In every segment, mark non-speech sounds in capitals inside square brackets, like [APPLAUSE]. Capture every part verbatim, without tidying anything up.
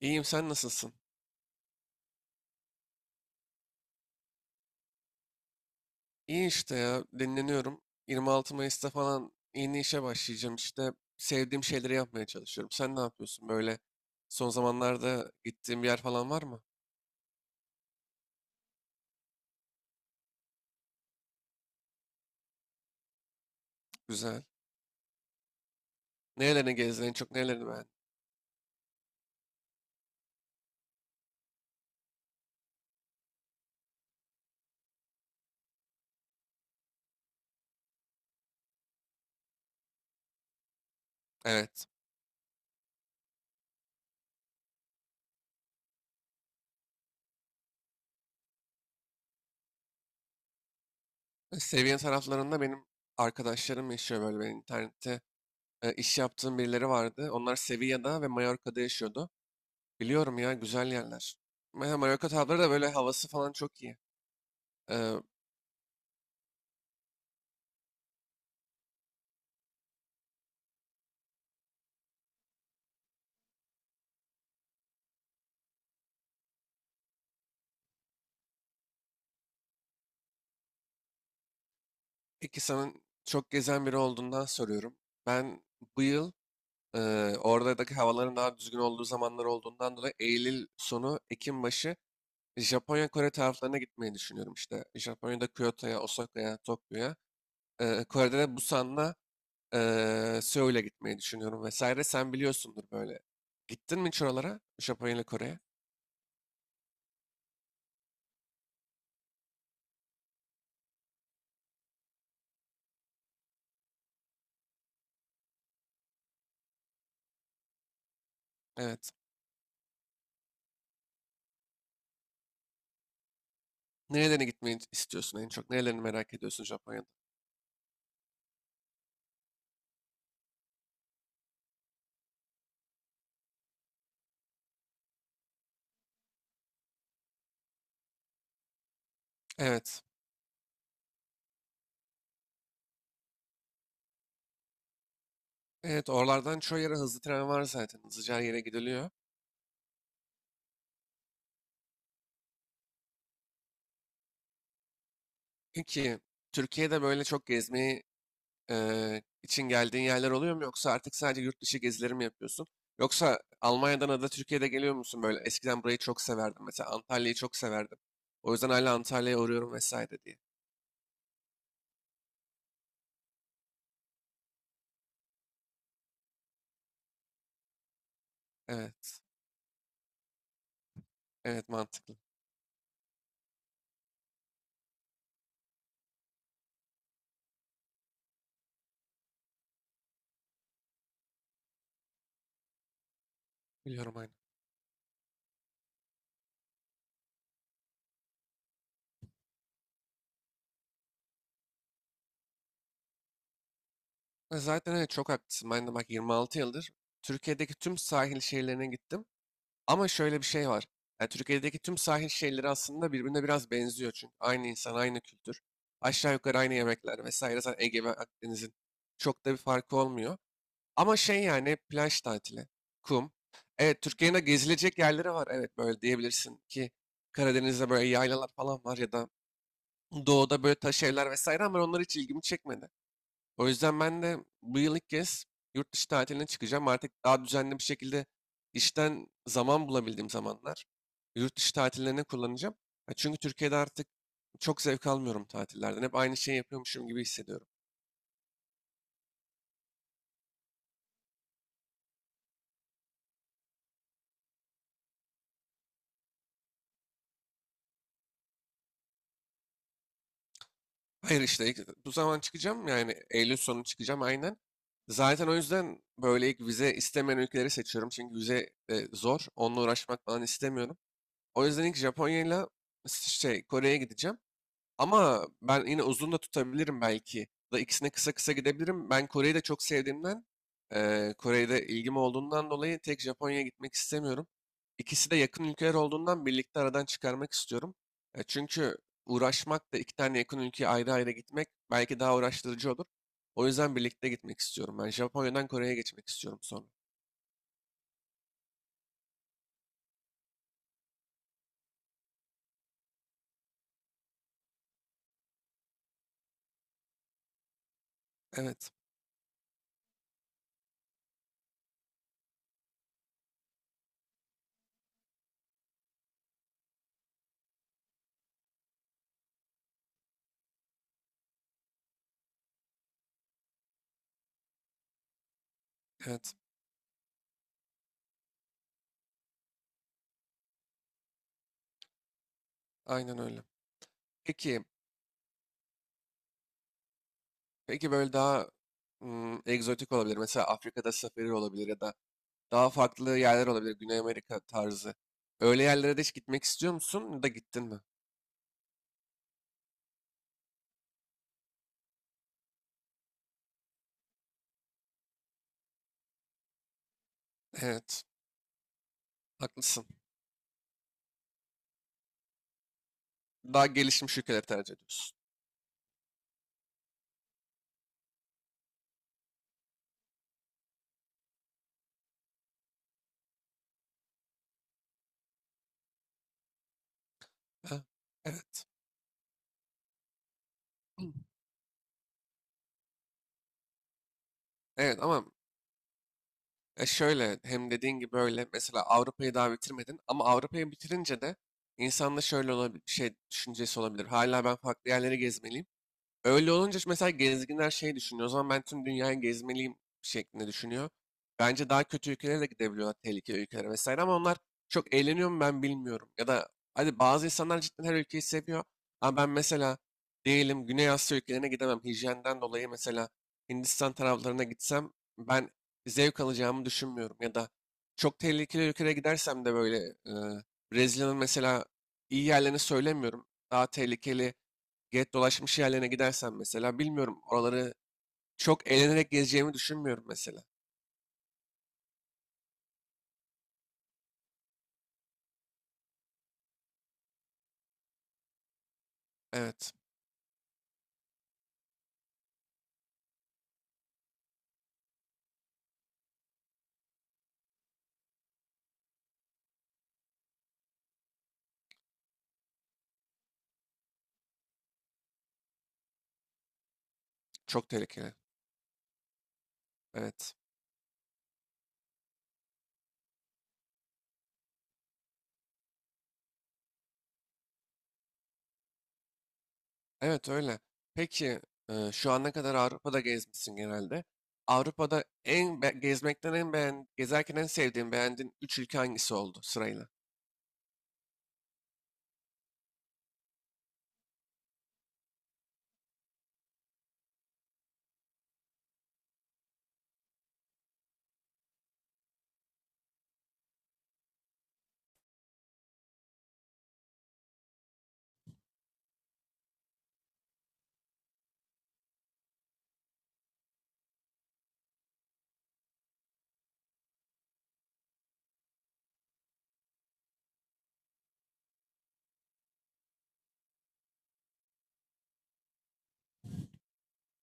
İyiyim sen nasılsın? İyi işte ya dinleniyorum. yirmi altı Mayıs'ta falan yeni işe başlayacağım işte. Sevdiğim şeyleri yapmaya çalışıyorum. Sen ne yapıyorsun böyle? Son zamanlarda gittiğin bir yer falan var mı? Güzel. Nerelerini gezdin en çok nerelerini beğendin? Evet. E, Seviye taraflarında benim arkadaşlarım yaşıyor böyle ben internette. e, iş yaptığım birileri vardı. Onlar Sevilla'da ve Mallorca'da yaşıyordu. Biliyorum ya güzel yerler. Mesela Mallorca tarafları da böyle havası falan çok iyi. E, Peki sana çok gezen biri olduğundan soruyorum. Ben bu yıl e, oradaki havaların daha düzgün olduğu zamanlar olduğundan dolayı Eylül sonu, Ekim başı Japonya, Kore taraflarına gitmeyi düşünüyorum işte. Japonya'da Kyoto'ya, Osaka'ya, Tokyo'ya. E, Kore'de de Busan'la e, Seul'e gitmeyi düşünüyorum vesaire. Sen biliyorsundur böyle. Gittin mi hiç oralara? Japonya ile Kore'ye? Evet. Nerelerine gitmeyi istiyorsun en çok? Nerelerini merak ediyorsun Japonya'da? Evet. Evet, oralardan çoğu yere hızlı tren var zaten. Hızlıca her yere gidiliyor. Peki Türkiye'de böyle çok gezmeyi e, için geldiğin yerler oluyor mu? Yoksa artık sadece yurt dışı gezileri mi yapıyorsun? Yoksa Almanya'dan ya da Türkiye'de geliyor musun böyle? Eskiden burayı çok severdim. Mesela Antalya'yı çok severdim. O yüzden hala Antalya'ya uğruyorum vesaire diye. Evet, evet mantıklı. Biliyorum aynı. E, Zaten evet çok haklısın. Ben de bak yirmi altı yıldır Türkiye'deki tüm sahil şehirlerine gittim. Ama şöyle bir şey var. Yani Türkiye'deki tüm sahil şehirleri aslında birbirine biraz benziyor çünkü. Aynı insan, aynı kültür. Aşağı yukarı aynı yemekler vesaire. Zaten Ege ve Akdeniz'in çok da bir farkı olmuyor. Ama şey yani plaj tatili, kum. Evet Türkiye'nin de gezilecek yerleri var. Evet böyle diyebilirsin ki Karadeniz'de böyle yaylalar falan var ya da doğuda böyle taş evler vesaire ama onlar hiç ilgimi çekmedi. O yüzden ben de bu yıl ilk kez yurt dışı tatiline çıkacağım. Artık daha düzenli bir şekilde işten zaman bulabildiğim zamanlar yurt dışı tatillerine kullanacağım. Ya çünkü Türkiye'de artık çok zevk almıyorum tatillerden. Hep aynı şeyi yapıyormuşum gibi hissediyorum. Hayır işte ilk- bu zaman çıkacağım yani Eylül sonu çıkacağım aynen. Zaten o yüzden böyle ilk vize istemeyen ülkeleri seçiyorum. Çünkü vize e, zor. Onunla uğraşmak falan istemiyorum. O yüzden ilk Japonya'yla şey Kore'ye gideceğim. Ama ben yine uzun da tutabilirim belki. Da ikisine kısa kısa gidebilirim. Ben Kore'yi de çok sevdiğimden, eee Kore'de ilgim olduğundan dolayı tek Japonya'ya gitmek istemiyorum. İkisi de yakın ülkeler olduğundan birlikte aradan çıkarmak istiyorum. E, çünkü uğraşmak da iki tane yakın ülkeye ayrı ayrı gitmek belki daha uğraştırıcı olur. O yüzden birlikte gitmek istiyorum. Ben Japonya'dan Kore'ye geçmek istiyorum sonra. Evet, evet, aynen öyle. Peki, peki böyle daha ım, egzotik olabilir. Mesela Afrika'da safari olabilir ya da daha farklı yerler olabilir. Güney Amerika tarzı. Öyle yerlere de hiç gitmek istiyor musun? Ya da gittin mi? Evet. Haklısın. Daha gelişmiş ülkeleri tercih ediyorsun. Ha, evet. [CLEARS THROAT] Hı. Evet ama e, şöyle hem dediğin gibi böyle mesela Avrupa'yı daha bitirmedin ama Avrupa'yı bitirince de insanda şöyle olabilir, şey düşüncesi olabilir. Hala ben farklı yerleri gezmeliyim. Öyle olunca mesela gezginler şey düşünüyor. O zaman ben tüm dünyayı gezmeliyim şeklinde düşünüyor. Bence daha kötü ülkelere de gidebiliyorlar, tehlikeli ülkelere vesaire ama onlar çok eğleniyor mu ben bilmiyorum. Ya da hadi bazı insanlar cidden her ülkeyi seviyor. Ama ben mesela diyelim Güney Asya ülkelerine gidemem. Hijyenden dolayı mesela Hindistan taraflarına gitsem ben zevk alacağımı düşünmüyorum. Ya da çok tehlikeli ülkelere gidersem de böyle e, Brezilya'nın mesela iyi yerlerini söylemiyorum. Daha tehlikeli get dolaşmış yerlerine gidersen mesela bilmiyorum oraları çok eğlenerek gezeceğimi düşünmüyorum mesela. Evet. Çok tehlikeli. Evet. Evet öyle. Peki e, şu ana kadar Avrupa'da gezmişsin genelde. Avrupa'da en be- gezmekten en beğen gezerken en sevdiğin beğendiğin üç ülke hangisi oldu sırayla?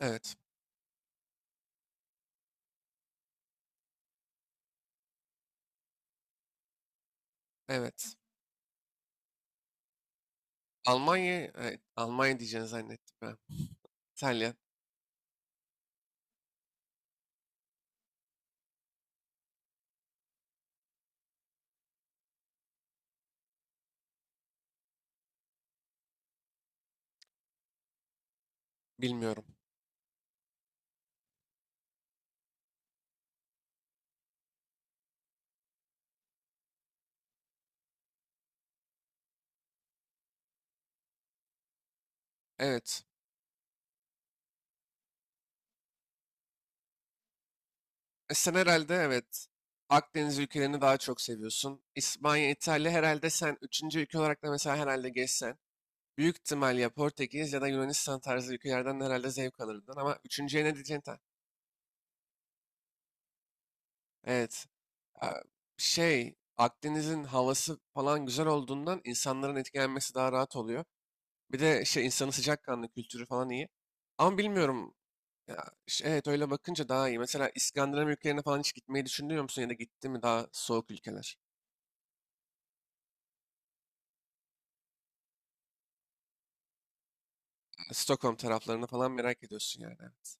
Evet. Evet. Almanya, evet, Almanya diyeceğini zannettim ben. İtalya, bilmiyorum. Evet. E, sen herhalde evet Akdeniz ülkelerini daha çok seviyorsun. İspanya, İtalya herhalde sen üçüncü ülke olarak da mesela herhalde geçsen. Büyük ihtimal ya Portekiz ya da Yunanistan tarzı ülkelerden de herhalde zevk alırdın. Ama üçüncüye ne diyeceksin? ta- Evet. a, Şey Akdeniz'in havası falan güzel olduğundan insanların etkilenmesi daha rahat oluyor. Bir de şey insanı sıcakkanlı kültürü falan iyi. Ama bilmiyorum. Ya, ş- evet öyle bakınca daha iyi. Mesela İskandinav ülkelerine falan hiç gitmeyi düşünüyor musun ya da gitti mi daha soğuk ülkeler? Stockholm taraflarını falan merak ediyorsun yani. Evet.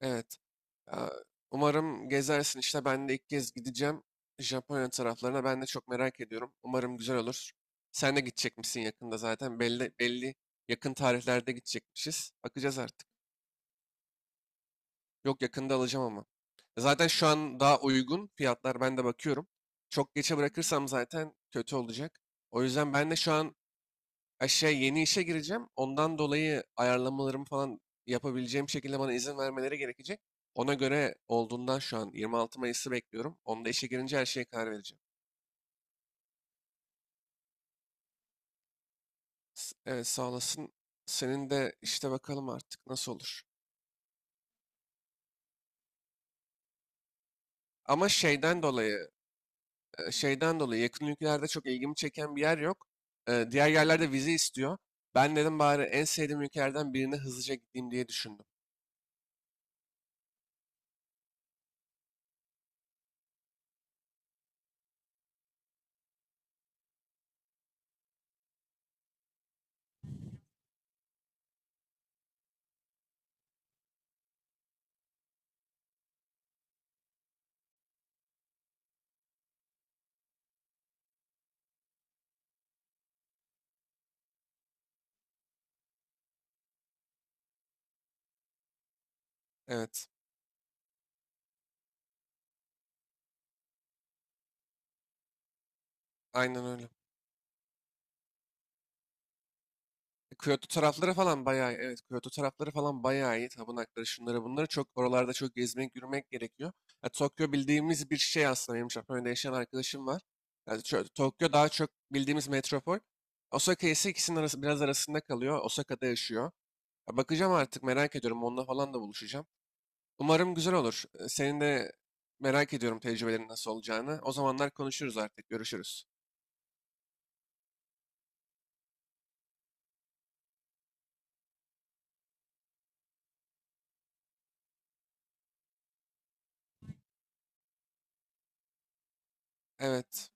Evet. Ya, umarım gezersin işte ben de ilk kez gideceğim. Japonya taraflarına ben de çok merak ediyorum. Umarım güzel olur. Sen de gidecek misin yakında zaten belli belli yakın tarihlerde gidecekmişiz. Bakacağız artık. Yok yakında alacağım ama. Zaten şu an daha uygun fiyatlar ben de bakıyorum. Çok geçe bırakırsam zaten kötü olacak. O yüzden ben de şu an aşağı yeni işe gireceğim. Ondan dolayı ayarlamalarımı falan yapabileceğim şekilde bana izin vermeleri gerekecek. Ona göre olduğundan şu an yirmi altı Mayıs'ı bekliyorum. Onda işe girince her şeye karar vereceğim. S- Evet sağ olasın. Senin de işte bakalım artık nasıl olur. Ama şeyden dolayı, e, şeyden dolayı yakın ülkelerde çok ilgimi çeken bir yer yok. E, Diğer yerlerde vize istiyor. Ben dedim bari en sevdiğim ülkelerden birine hızlıca gideyim diye düşündüm. Evet, aynen öyle. Kyoto tarafları falan bayağı evet Kyoto tarafları falan bayağı iyi. Tapınakları şunları bunları çok oralarda çok gezmek yürümek gerekiyor. Ya, Tokyo bildiğimiz bir şey aslında benim Japonya'da yaşayan arkadaşım var. Yani şöyle, Tokyo daha çok bildiğimiz metropol. Osaka ise ikisinin arası biraz arasında kalıyor. Osaka'da yaşıyor. Ya, bakacağım artık merak ediyorum onunla falan da buluşacağım. Umarım güzel olur. E, Senin de merak ediyorum tecrübelerin nasıl olacağını. O zamanlar konuşuruz artık görüşürüz. Evet.